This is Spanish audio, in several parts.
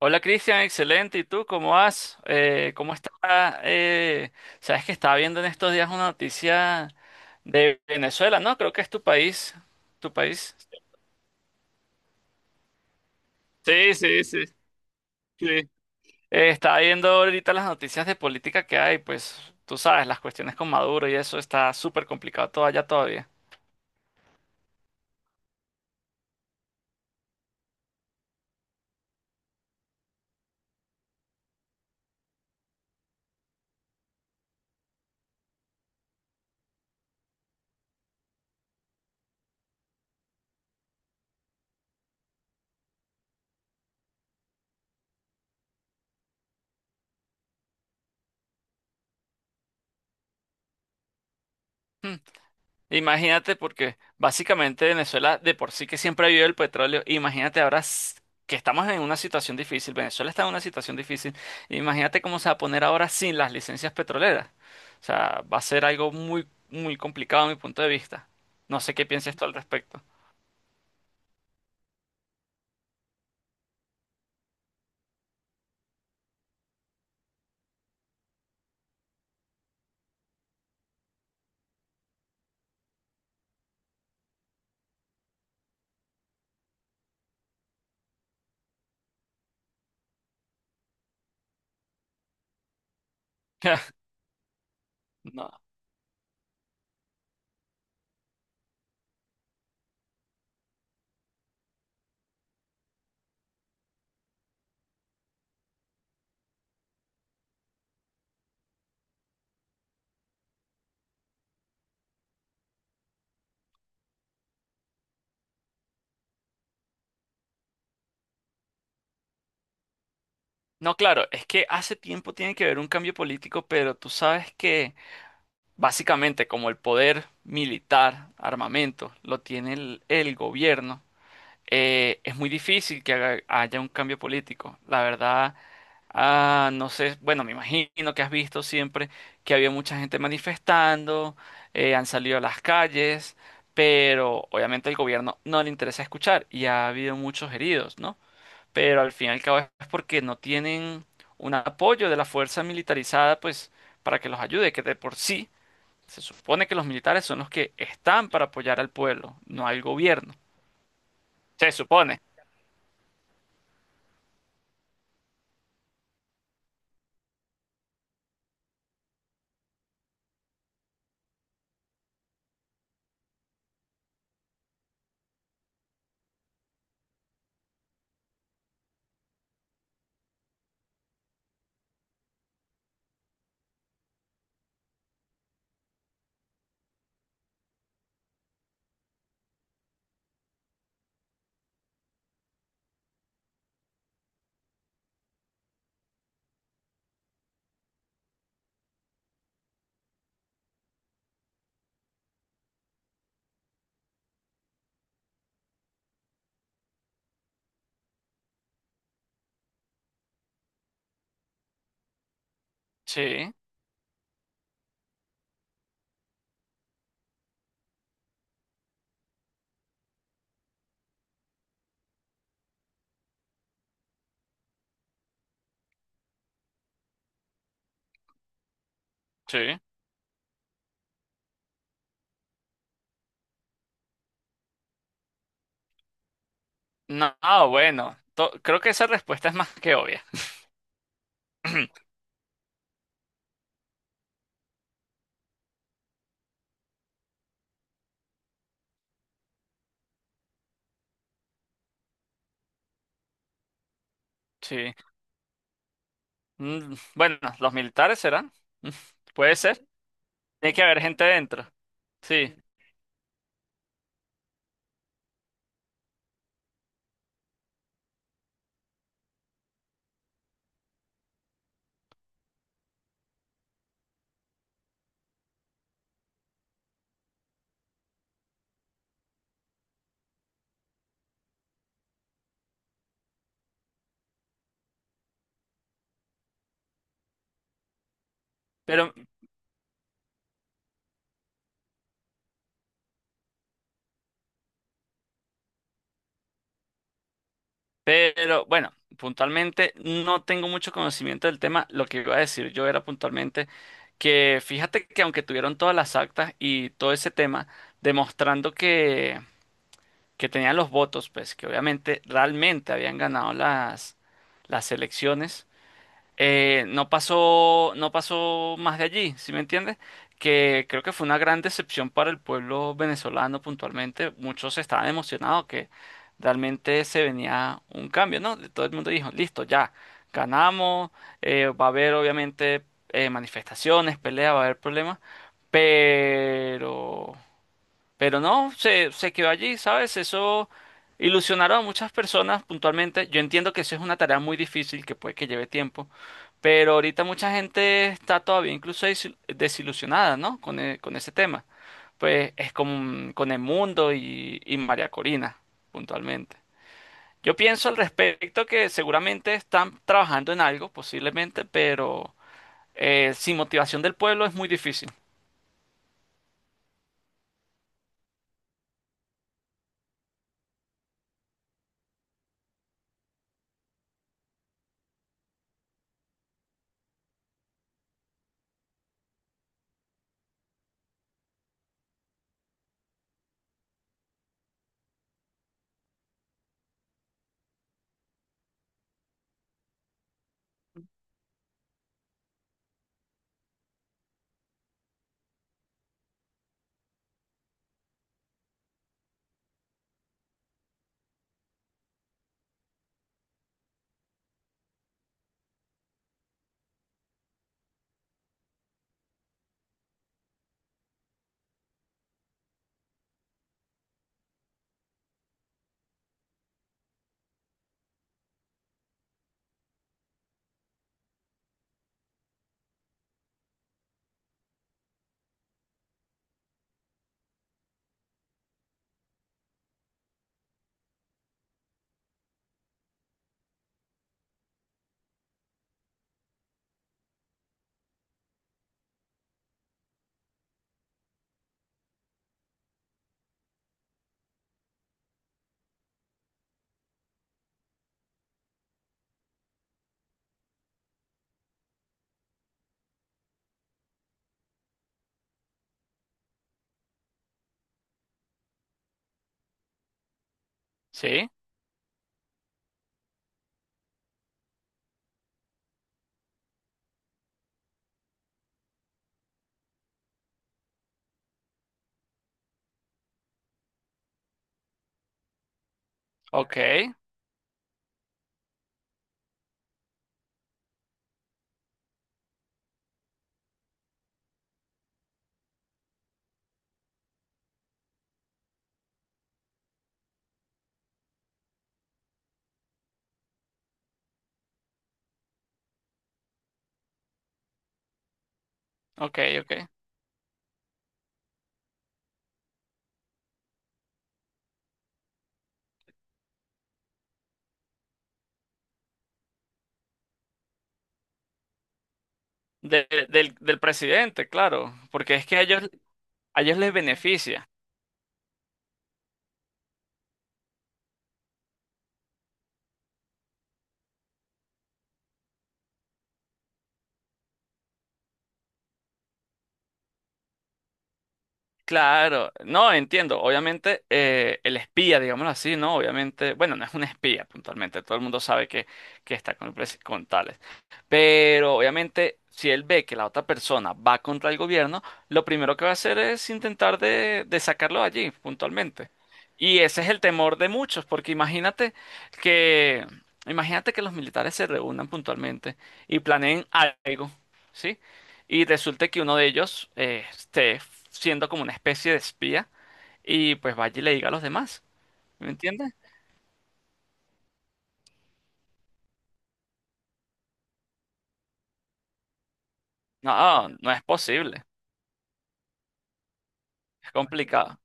Hola Cristian, excelente. ¿Y tú cómo vas? ¿Cómo está? eh, sabes que estaba viendo en estos días una noticia de Venezuela, ¿no? Creo que es tu país. ¿Tu país? Sí, sí, sí, sí. Estaba viendo ahorita las noticias de política que hay, pues tú sabes, las cuestiones con Maduro y eso está súper complicado todo allá todavía. Imagínate, porque básicamente Venezuela de por sí que siempre ha vivido el petróleo. Imagínate ahora que estamos en una situación difícil. Venezuela está en una situación difícil. Imagínate cómo se va a poner ahora sin las licencias petroleras. O sea, va a ser algo muy, muy complicado a mi punto de vista. No sé qué piensas tú al respecto. No. No, claro, es que hace tiempo tiene que haber un cambio político, pero tú sabes que básicamente como el poder militar, armamento, lo tiene el gobierno. Es muy difícil que haya un cambio político. La verdad, ah, no sé, bueno, me imagino que has visto siempre que había mucha gente manifestando, han salido a las calles, pero obviamente al gobierno no le interesa escuchar y ha habido muchos heridos, ¿no? Pero al fin y al cabo es porque no tienen un apoyo de la fuerza militarizada, pues, para que los ayude, que de por sí se supone que los militares son los que están para apoyar al pueblo, no al gobierno. Se supone. Sí. Sí. No, ah, bueno, creo que esa respuesta es más que obvia. Sí. Mm, bueno, los militares serán. Mm, puede ser. Tiene que haber gente dentro. Sí. Pero, pero, bueno, puntualmente no tengo mucho conocimiento del tema. Lo que iba a decir yo era puntualmente que fíjate que aunque tuvieron todas las actas y todo ese tema, demostrando que tenían los votos, pues que obviamente realmente habían ganado las elecciones, no pasó, no pasó más de allí, ¿sí me entiendes? Que creo que fue una gran decepción para el pueblo venezolano puntualmente. Muchos estaban emocionados que realmente se venía un cambio, ¿no? Todo el mundo dijo, listo, ya, ganamos, va a haber obviamente manifestaciones, peleas, va a haber problemas, pero... Pero no, se quedó allí, ¿sabes? Eso ilusionaron a muchas personas puntualmente. Yo entiendo que eso es una tarea muy difícil, que puede que lleve tiempo, pero ahorita mucha gente está todavía incluso desilusionada, ¿no? Con, con ese tema. Pues es con el mundo y María Corina, puntualmente. Yo pienso al respecto que seguramente están trabajando en algo, posiblemente, pero sin motivación del pueblo es muy difícil. ¿Sí? Ok, ok, ok. Del, del presidente, claro, porque es que a ellos les beneficia. Claro, no, entiendo. Obviamente, el espía, digámoslo así, ¿no? Obviamente, bueno, no es un espía puntualmente, todo el mundo sabe que está con, el con tales. Pero obviamente, si él ve que la otra persona va contra el gobierno, lo primero que va a hacer es intentar de sacarlo de allí, puntualmente. Y ese es el temor de muchos, porque que, imagínate que los militares se reúnan puntualmente y planeen algo, ¿sí? Y resulta que uno de ellos esté siendo como una especie de espía y pues vaya y le diga a los demás. ¿Me entiendes? No, no es posible. Es complicado.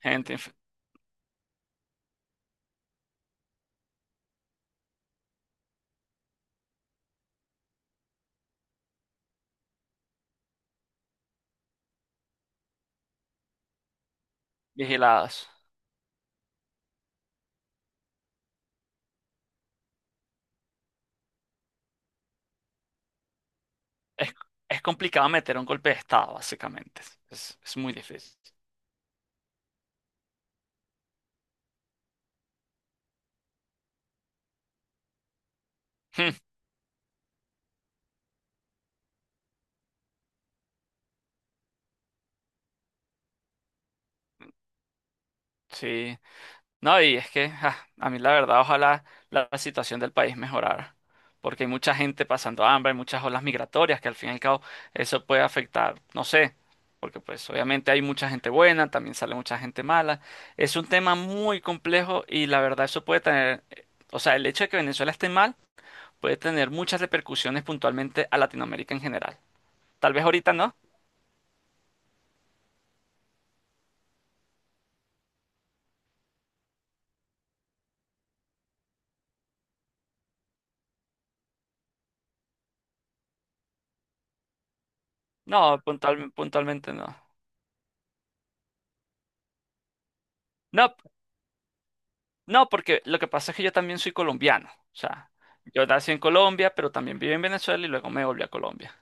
Gente inf- vigiladas. Es, es complicado meter un golpe de estado, básicamente. Es muy difícil. Sí. No, y es que ah, a mí la verdad, ojalá la situación del país mejorara, porque hay mucha gente pasando hambre, hay muchas olas migratorias que al fin y al cabo eso puede afectar, no sé, porque pues obviamente hay mucha gente buena, también sale mucha gente mala. Es un tema muy complejo y la verdad eso puede tener, o sea, el hecho de que Venezuela esté mal puede tener muchas repercusiones puntualmente a Latinoamérica en general. Tal vez ahorita no, no, puntualmente no. No, no, porque lo que pasa es que yo también soy colombiano. O sea, yo nací en Colombia, pero también viví en Venezuela y luego me volví a Colombia.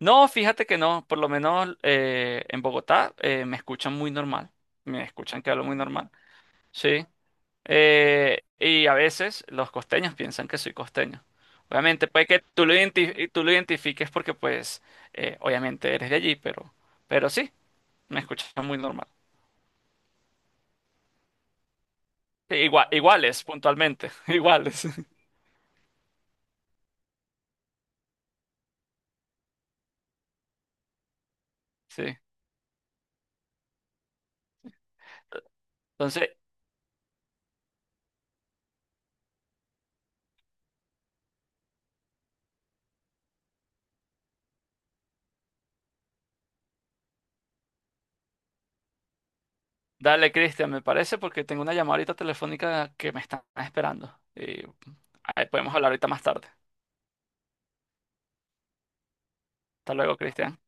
No, fíjate que no, por lo menos en Bogotá me escuchan muy normal. Me escuchan que hablo muy normal. Sí. Y a veces los costeños piensan que soy costeño. Obviamente, puede que tú lo tú lo identifiques porque, pues, obviamente eres de allí, pero sí, me escuchan muy normal. Sí, igual, iguales, puntualmente, iguales. Sí. Entonces, dale, Cristian, me parece porque tengo una llamadita telefónica que me están esperando. Y ahí podemos hablar ahorita más tarde. Hasta luego, Cristian.